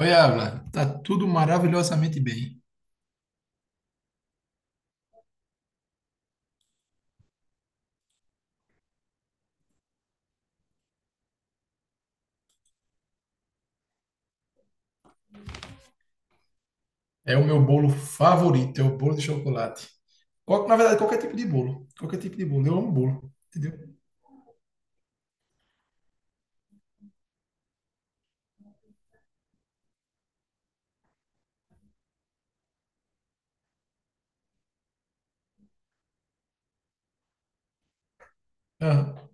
Oi, Ávila, tá tudo maravilhosamente bem. É o meu bolo favorito, é o bolo de chocolate. Qual- na verdade, qualquer tipo de bolo. Qualquer tipo de bolo. Eu amo bolo, entendeu? Aham.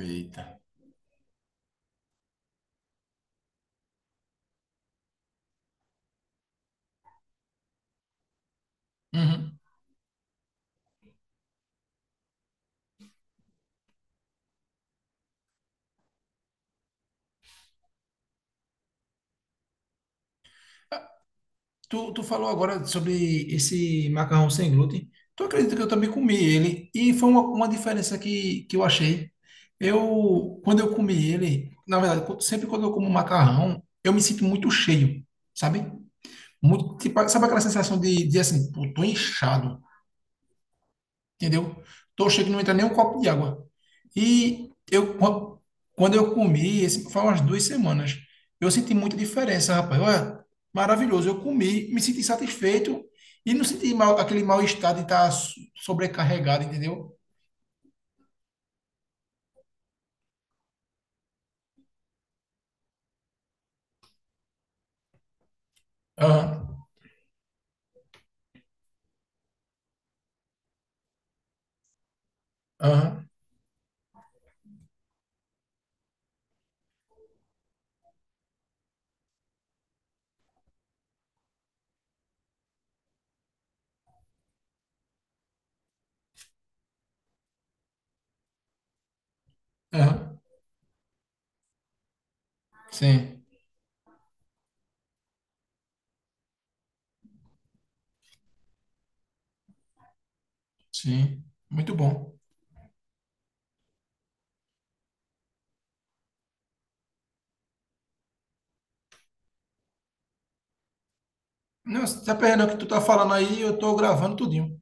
Eita. Uhum. Tu falou agora sobre esse macarrão sem glúten. Tu acredita que eu também comi ele? E foi uma diferença que eu achei. Eu, quando eu comi ele, na verdade, sempre quando eu como macarrão, eu me sinto muito cheio, sabe? Muito, tipo, sabe aquela sensação de assim, pô, tô inchado. Entendeu? Tochei que não entra nem um copo de água. E eu, qu- quando eu comi, esse, faz umas duas semanas, eu senti muita diferença, rapaz. Olha, maravilhoso. Eu comi, me senti satisfeito e não senti mal, aquele mal-estar de estar sobrecarregado, entendeu? Aham, aham, aham. Sim, sim. Muito bom. Não, você tá perdendo o que tu tá falando aí, eu tô gravando tudinho.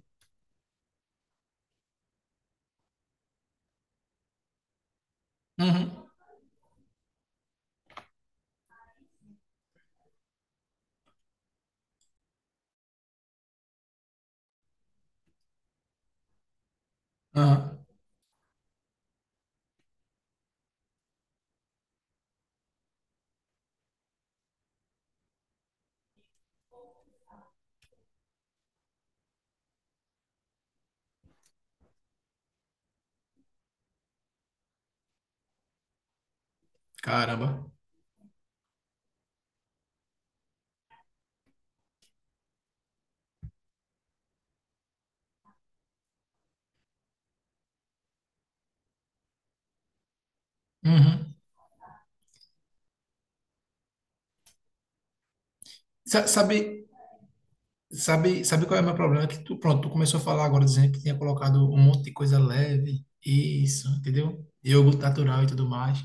Uhum, aham. Caramba. Uhum. Sabe, sabe qual é o meu problema? Que tu, pronto, tu começou a falar agora dizendo que tinha colocado um monte de coisa leve, isso, entendeu? Iogurte natural e tudo mais.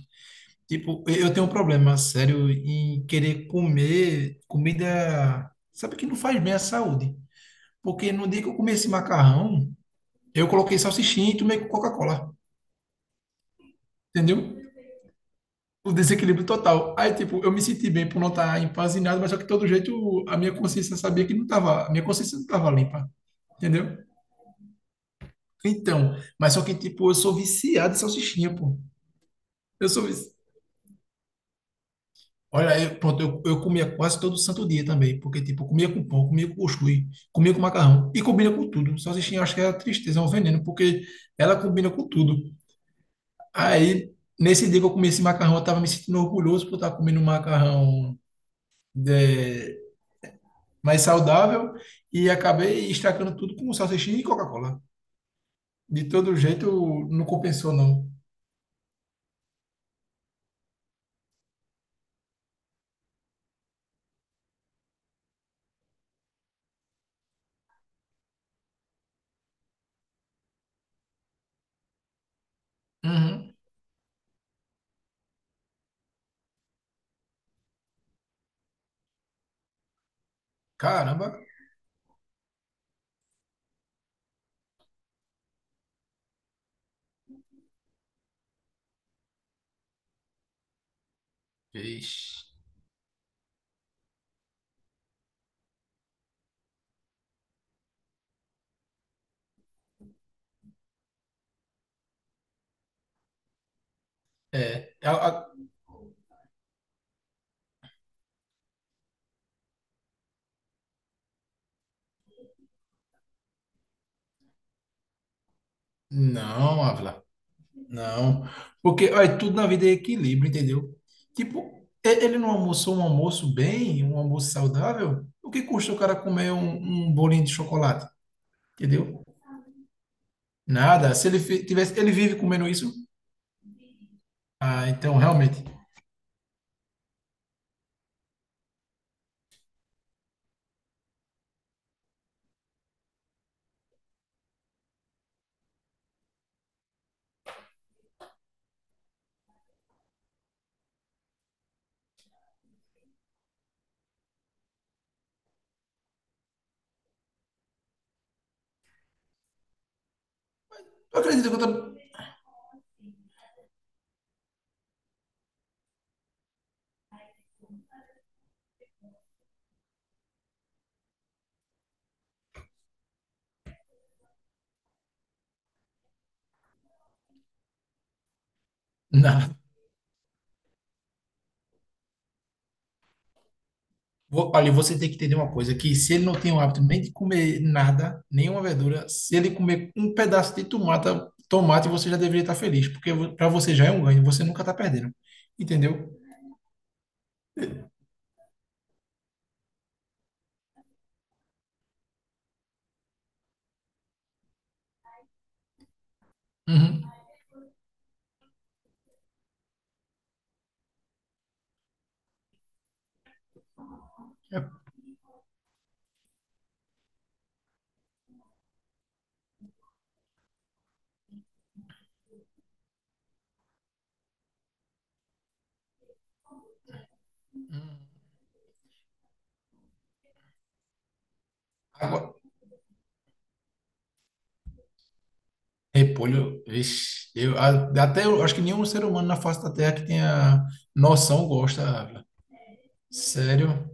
Tipo, eu tenho um problema sério em querer comer comida, sabe, que não faz bem à saúde. Porque no dia que eu comi esse macarrão, eu coloquei salsichinha e tomei Coca-Cola, entendeu? O desequilíbrio total. Aí, tipo, eu me senti bem por não estar empanzinado, mas só que de todo jeito a minha consciência sabia que não tava, a minha consciência não tava limpa, entendeu? Então, mas só que, tipo, eu sou viciado em salsichinha, pô. Eu sou vici... Olha, eu, pronto, eu comia quase todo santo dia também, porque, tipo, eu comia com pão, comia com cuscuz, comia com macarrão e combina com tudo. Salsichinha, eu acho que é a tristeza, é um veneno, porque ela combina com tudo. Aí, nesse dia que eu comi esse macarrão, eu tava me sentindo orgulhoso por estar comendo um macarrão é, mais saudável e acabei estragando tudo com salsichinha e Coca-Cola. De todo jeito, não compensou, não. Uhum. Caramba. Ixi. É, não, Ávila, não. Porque olha, tudo na vida é equilíbrio, entendeu? Tipo, ele não almoçou um almoço bem, um almoço saudável? O que custa o cara comer um bolinho de chocolate? Entendeu? Nada. Se ele tivesse, ele vive comendo isso? Ah, então realmente. Eu acredito que eu tô... Não. Olha, você tem que entender uma coisa, que se ele não tem o hábito nem de comer nada, nenhuma verdura, se ele comer um pedaço de tomate, tomate você já deveria estar feliz, porque para você já é um ganho, você nunca está perdendo. Entendeu? Uhum. É, agora, repolho, vixe, eu, até eu acho que nenhum ser humano na face da Terra que tenha noção gosta, Ávila. Sério?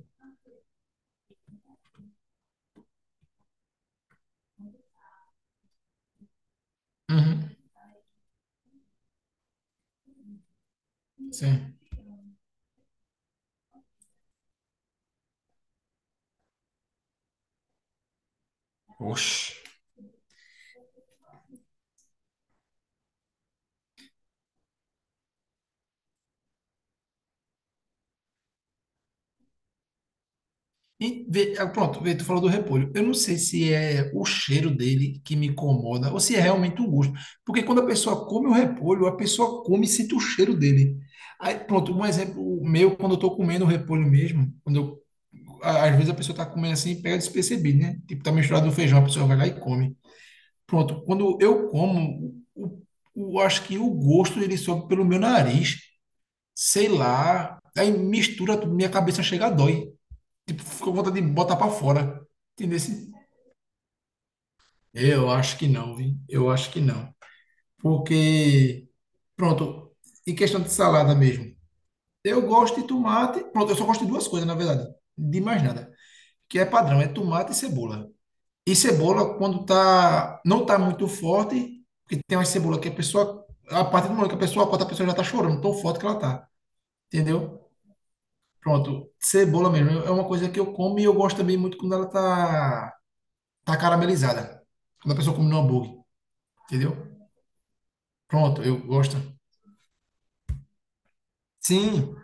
Uhum, sim. Oxe. Ah, pronto, vê, tu falou do repolho. Eu não sei se é o cheiro dele que me incomoda ou se é realmente o gosto. Porque quando a pessoa come o repolho, a pessoa come e sente o cheiro dele. Aí, pronto, um exemplo meu, quando eu tô comendo o repolho mesmo, quando eu, às vezes a pessoa tá comendo assim e pega despercebido, né? Tipo, tá misturado no feijão, a pessoa vai lá e come. Pronto, quando eu como, o, acho que o gosto ele sobe pelo meu nariz, sei lá, aí mistura tudo, minha cabeça chega a dói. Tipo, ficou com vontade de botar pra fora. Entendeu? Assim? Eu acho que não, vi. Eu acho que não. Porque, pronto, em questão de salada mesmo, eu gosto de tomate. Pronto, eu só gosto de duas coisas, na verdade. De mais nada. Que é padrão, é tomate e cebola. E cebola, quando tá, não tá muito forte, porque tem uma cebola que a pessoa, a partir do momento que a pessoa corta, a pessoa já tá chorando, tão forte que ela tá. Entendeu? Pronto, cebola mesmo. É uma coisa que eu como e eu gosto também muito quando ela tá caramelizada. Quando a pessoa come no hambúrguer, entendeu? Pronto, eu gosto. Sim,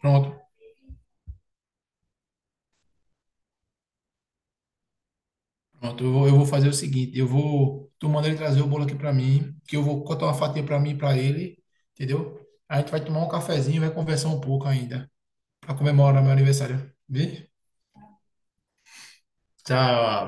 pronto, pronto. Eu vou fazer o seguinte, eu vou, tô mandando ele trazer o bolo aqui para mim, que eu vou cortar uma fatia para mim e para ele, entendeu? A gente vai tomar um cafezinho, e vai conversar um pouco ainda, para comemorar meu aniversário. Vê? Tchau.